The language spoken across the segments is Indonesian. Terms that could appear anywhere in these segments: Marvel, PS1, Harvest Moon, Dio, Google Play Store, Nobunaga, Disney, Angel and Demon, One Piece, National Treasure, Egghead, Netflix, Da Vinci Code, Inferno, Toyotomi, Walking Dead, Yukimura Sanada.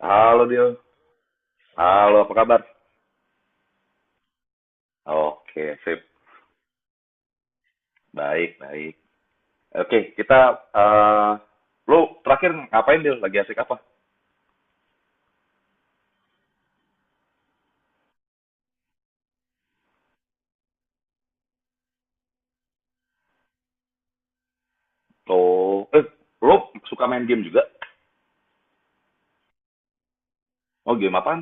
Halo Dio. Halo, apa kabar? Oke, sip. Baik, baik. Oke, kita eh lu terakhir ngapain, Dio? Lagi asik apa? Oh, lu suka main game juga? Oh, game apaan?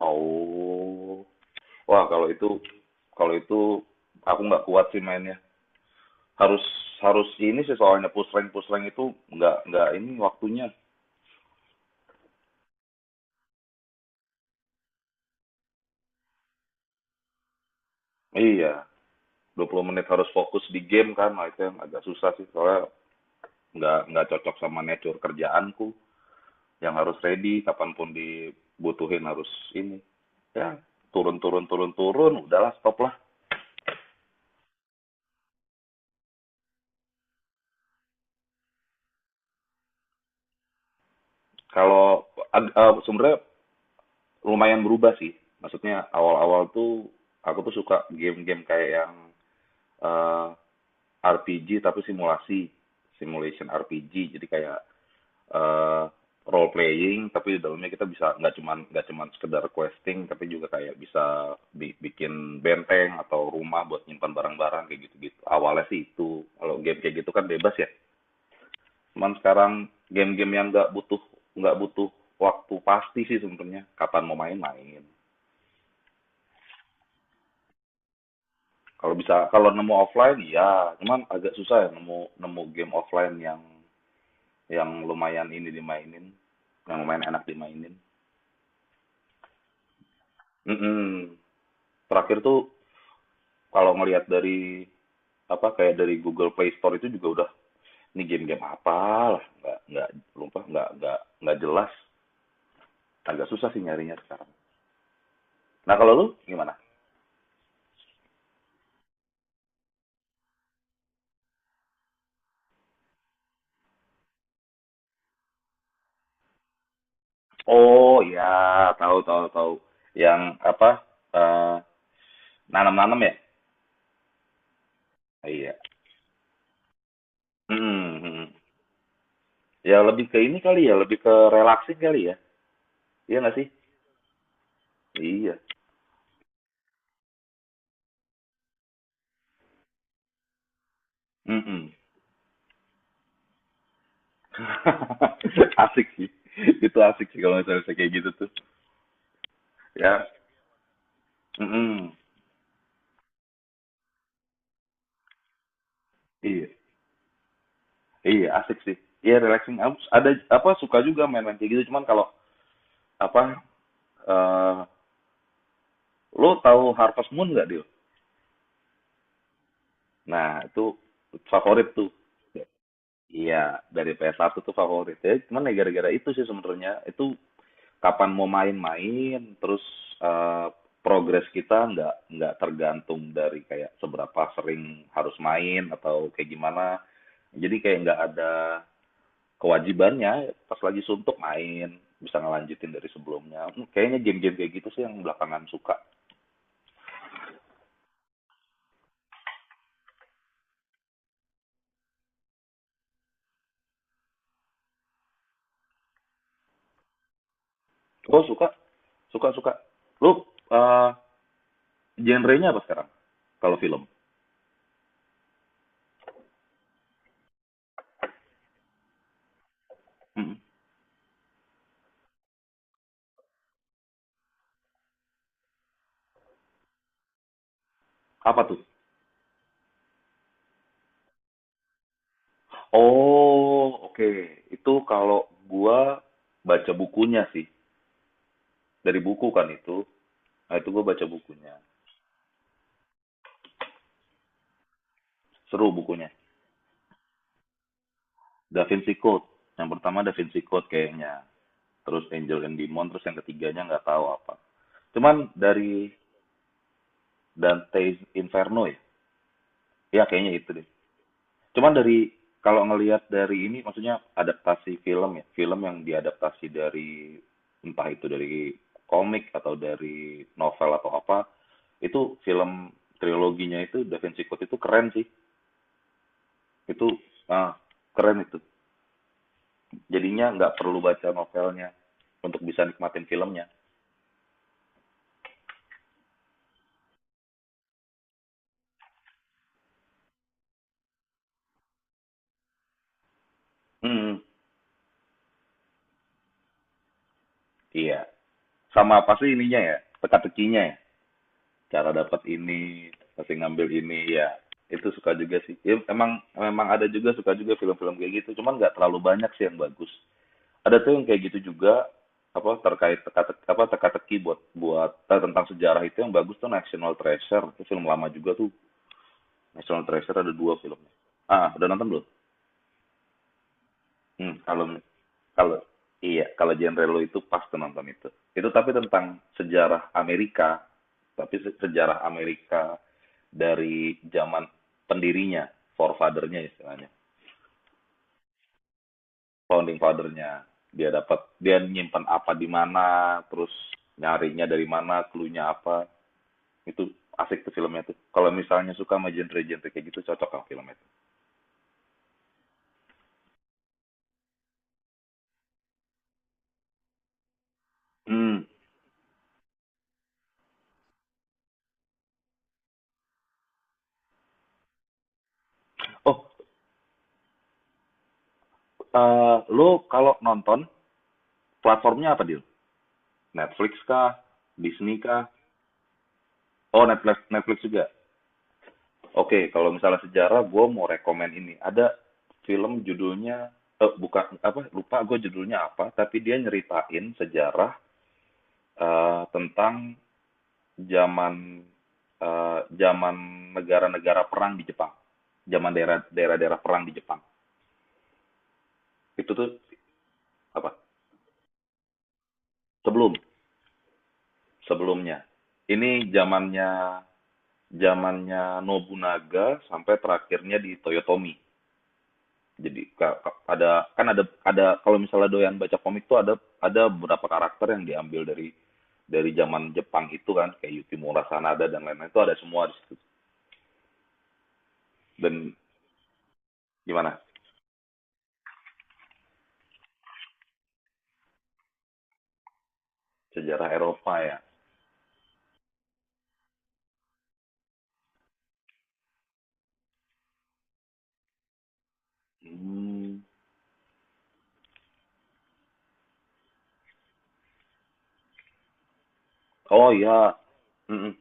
Oh. Wah, kalau itu kalau itu aku nggak kuat sih mainnya. Harus harus ini sih soalnya push rank itu nggak ini waktunya. Iya, 20 menit harus fokus di game kan, nah itu yang agak susah sih soalnya nggak cocok sama nature kerjaanku. Yang harus ready kapanpun dibutuhin harus ini, ya turun turun turun turun udahlah stop lah. Sebenarnya lumayan berubah sih, maksudnya awal-awal tuh aku tuh suka game-game kayak yang eh, RPG tapi simulasi, simulation RPG, jadi kayak eh role playing tapi di dalamnya kita bisa, nggak cuman sekedar questing tapi juga kayak bisa bikin benteng atau rumah buat nyimpan barang-barang kayak gitu-gitu. Awalnya sih itu, kalau game kayak gitu kan bebas ya, cuman sekarang game-game yang nggak butuh waktu pasti sih sebenarnya, kapan mau main-main. Kalau bisa, kalau nemu offline ya, cuman agak susah ya nemu nemu game offline yang lumayan ini dimainin, yang lumayan enak dimainin. Mm-mm. Terakhir tuh kalau ngelihat dari apa, kayak dari Google Play Store itu juga udah ini, game-game apa lah, nggak lupa, nggak jelas, agak susah sih nyarinya sekarang. Nah, kalau lu gimana? Oh ya, tahu tahu tahu, yang apa, eh, nanam-nanam ya. Oh, iya. Hmm, hmm. Ya, lebih ke ini kali ya, lebih ke relaxing kali ya. Iya, nggak sih. Iya. Hmm, asik sih, itu asik sih kalau misalnya kayak gitu tuh, ya. Hmm, hmm. Iya. Iya, asik sih. Iya, relaxing. Ada apa, suka juga main-main kayak gitu. Cuman kalau apa, eh lo tahu Harvest Moon nggak, Dil? Nah, itu favorit tuh. Iya, dari PS1 tuh favorit ya. Cuman ya gara-gara itu sih sebenarnya. Itu kapan mau main-main, terus eh, progres kita nggak tergantung dari kayak seberapa sering harus main atau kayak gimana. Jadi kayak nggak ada kewajibannya, pas lagi suntuk main bisa ngelanjutin dari sebelumnya. Hmm, kayaknya game-game kayak gitu sih yang belakangan suka. Oh, suka suka suka. Lu genre-nya apa sekarang, kalau film? Mm-mm. Apa tuh? Oh, oke. Itu kalau gua baca bukunya sih, dari buku kan itu. Nah, itu gua baca bukunya, seru bukunya. Da Vinci Code yang pertama, Da Vinci Code kayaknya, terus Angel and Demon, terus yang ketiganya nggak tahu apa, cuman dari, dan Taste Inferno ya, ya kayaknya itu deh. Cuman dari, kalau ngelihat dari ini maksudnya adaptasi film ya, film yang diadaptasi dari, entah itu dari komik atau dari novel atau apa, itu film triloginya itu Da Vinci Code itu keren sih. Itu ah keren itu, jadinya nggak perlu baca novelnya untuk bisa nikmatin filmnya. Hmm, iya, sama pasti ininya ya, teka-tekinya ya, cara dapat ini, pasti ngambil ini ya. Itu suka juga sih. Ya, emang memang ada juga, suka juga film-film kayak gitu, cuman nggak terlalu banyak sih yang bagus. Ada tuh yang kayak gitu juga, apa terkait teka-teki, apa teka-teki buat buat eh, tentang sejarah, itu yang bagus tuh National Treasure, itu film lama juga tuh. National Treasure ada dua filmnya, udah nonton belum? Hmm, kalau Kalau iya, kalau genre lo itu, pas tuh nonton itu. Itu tapi tentang sejarah Amerika, tapi sejarah Amerika dari zaman pendirinya, forefather-nya istilahnya, founding father-nya. Dia nyimpan apa di mana, terus nyarinya dari mana, clue-nya apa. Itu asik tuh filmnya tuh. Kalau misalnya suka sama genre-genre kayak gitu, cocok kan filmnya tuh. Hmm. Oh, lu kalau nonton platformnya apa, Dil? Netflix kah? Disney kah? Oh, Netflix, Netflix juga. Oke, kalau misalnya sejarah, gue mau rekomen ini. Ada film judulnya, bukan apa, lupa gue judulnya apa, tapi dia nyeritain sejarah, tentang zaman, zaman negara-negara perang di Jepang, zaman daerah-daerah perang di Jepang. Itu tuh apa? Sebelum Sebelumnya. Ini zamannya zamannya Nobunaga sampai terakhirnya di Toyotomi. Jadi ada kan, ada kalau misalnya doyan baca komik tuh, ada beberapa karakter yang diambil dari zaman Jepang itu kan, kayak Yukimura Sanada dan lain-lain, itu ada semua di situ. Dan gimana, sejarah Eropa ya. Hmm. Oh ya. Mm-mm.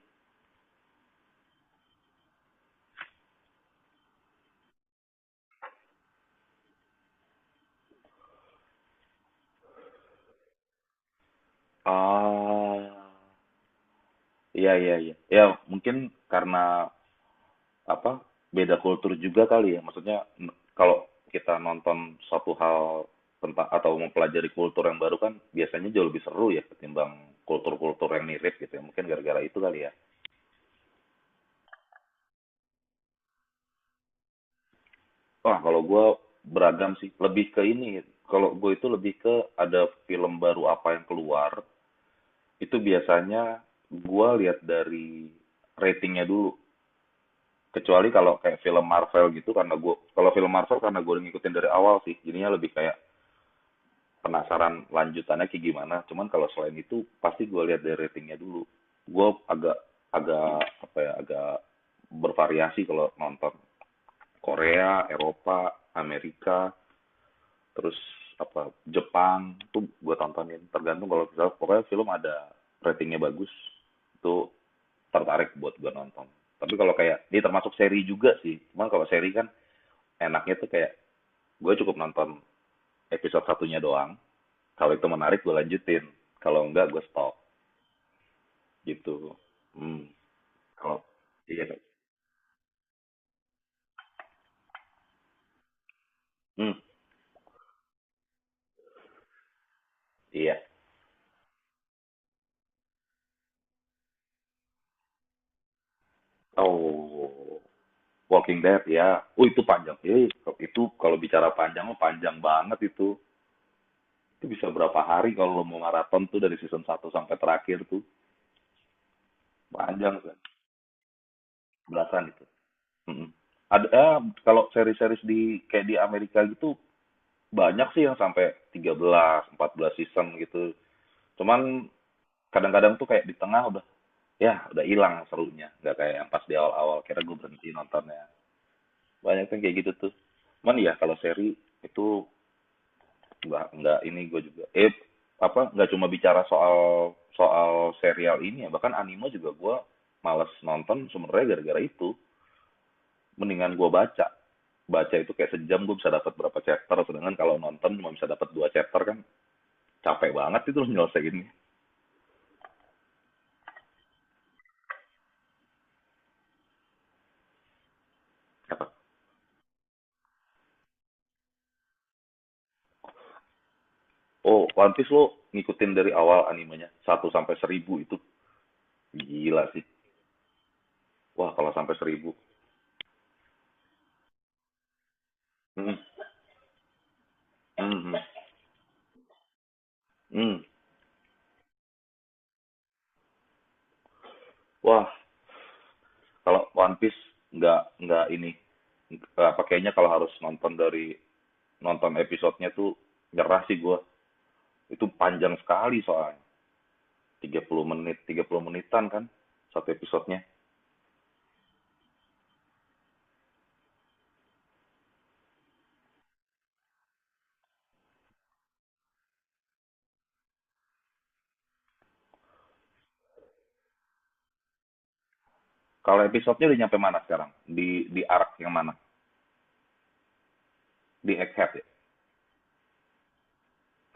Ah, iya iya iya, ya mungkin karena apa, beda kultur juga kali ya, maksudnya, kalau kita nonton suatu hal tentang atau mempelajari kultur yang baru kan biasanya jauh lebih seru ya ketimbang kultur-kultur yang mirip gitu ya, mungkin gara-gara itu kali ya. Wah, kalau gue beragam sih, lebih ke ini, kalau gue itu lebih ke, ada film baru apa yang keluar itu biasanya gue lihat dari ratingnya dulu, kecuali kalau kayak film Marvel gitu, karena gue, kalau film Marvel karena gue ngikutin dari awal sih, jadinya lebih kayak penasaran lanjutannya kayak gimana. Cuman kalau selain itu pasti gue lihat dari ratingnya dulu. Gue agak, apa ya, agak bervariasi kalau nonton, Korea, Eropa, Amerika, terus apa, Jepang tuh gue tontonin. Tergantung kalau misal, pokoknya film ada ratingnya bagus, itu tertarik buat gue nonton. Tapi kalau kayak ini termasuk seri juga sih, cuman kalau seri kan enaknya tuh kayak, gue cukup nonton episode satunya doang, kalau itu menarik gue lanjutin, kalau enggak gue stop gitu. Hmm. Kalau, iya. Dok. Hmm, iya. Oh. Walking Dead ya, oh itu panjang, itu kalau bicara panjang mah, panjang banget itu. Itu bisa berapa hari kalau lo mau maraton tuh, dari season satu sampai terakhir tuh, panjang kan. Belasan itu. Mm-mm. Ada kalau seri-seri di kayak di Amerika gitu, banyak sih yang sampai 13, 14 season gitu, cuman kadang-kadang tuh kayak di tengah udah, ya udah hilang serunya, nggak kayak yang pas di awal-awal, kira gue berhenti nontonnya, banyak kan kayak gitu tuh. Cuman ya kalau seri itu, nggak ini gue juga, apa, nggak cuma bicara soal soal serial ini ya, bahkan anime juga gue malas nonton sebenarnya gara-gara itu. Mendingan gue baca, itu kayak sejam gue bisa dapat berapa chapter, sedangkan kalau nonton cuma bisa dapat 2 chapter kan, capek banget itu lo nyelesainnya. Oh, One Piece lo ngikutin dari awal animenya satu sampai 1000 itu? Gila sih. Wah, kalau sampai 1000. Mhm, mhm, mhm. Wah, kalau One Piece nggak ini. Apa, kayaknya kalau harus nonton dari, nonton episodenya tuh nyerah sih gua. Itu panjang sekali soalnya. 30 menit, 30 menitan kan satu episodenya. Kalau episodenya udah nyampe mana sekarang? Di arc yang mana? Di Egghead ya?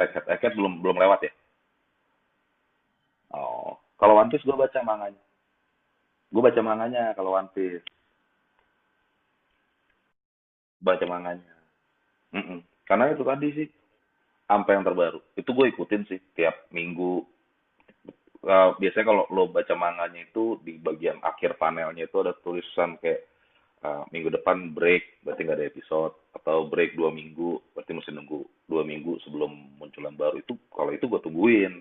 Egghead, Egghead belum belum lewat ya? Oh, kalau One Piece gua baca manganya. Gua baca manganya, kalau One Piece baca manganya. Mm-mm. Karena itu tadi sih. Sampai yang terbaru. Itu gue ikutin sih tiap minggu. Biasanya kalau lo baca manganya itu di bagian akhir panelnya itu ada tulisan kayak, minggu depan break, berarti nggak ada episode, atau break 2 minggu berarti mesti nunggu 2 minggu sebelum munculan baru itu, kalau itu gue tungguin.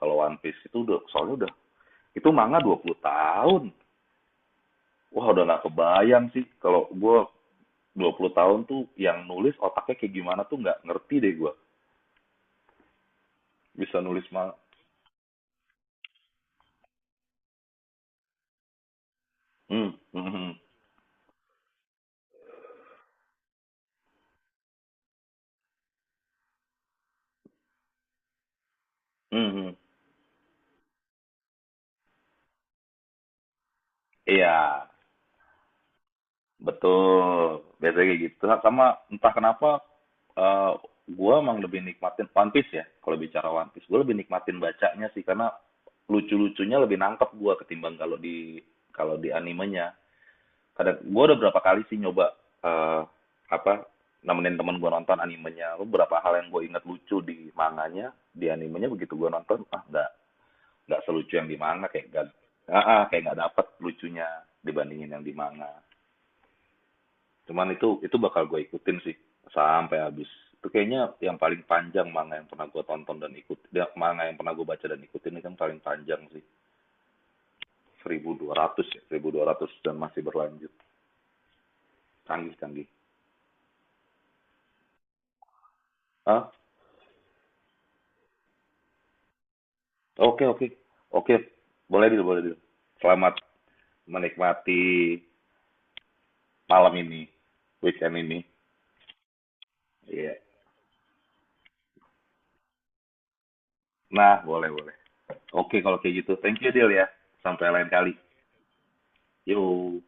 Kalau One Piece itu udah, soalnya udah itu manga 20 tahun. Wah, udah nggak kebayang sih, kalau gue 20 tahun tuh yang nulis otaknya kayak gimana tuh, nggak ngerti deh gue bisa nulis manga. Hmm, hmm, hmm, hmm, hmm. Iya, betul. Biasanya kayak gitu. Nah, sama, entah kenapa eh gue emang lebih nikmatin One Piece ya. Kalau bicara One Piece, gue lebih nikmatin bacanya sih, karena lucu-lucunya lebih nangkep gue ketimbang kalau di, animenya. Kadang gue udah berapa kali sih nyoba eh apa, nemenin temen gue nonton animenya. Beberapa hal yang gue inget lucu di manganya, di animenya begitu gue nonton, nggak, selucu yang di manga, kayak gak, kayak nggak dapet lucunya dibandingin yang di manga. Cuman itu, bakal gue ikutin sih sampai habis. Itu kayaknya yang paling panjang manga yang pernah gue tonton dan ikut. Ya, manga yang pernah gue baca dan ikutin itu kan paling panjang sih. 1200 ya, 1200 dan masih berlanjut. Canggih-canggih. ah Oke, oke. Oke, boleh dulu, boleh dulu. Selamat menikmati malam ini, weekend ini. Iya. Nah, boleh, boleh. Oke, kalau kayak gitu. Thank you, Dil ya. Sampai lain kali. Yo.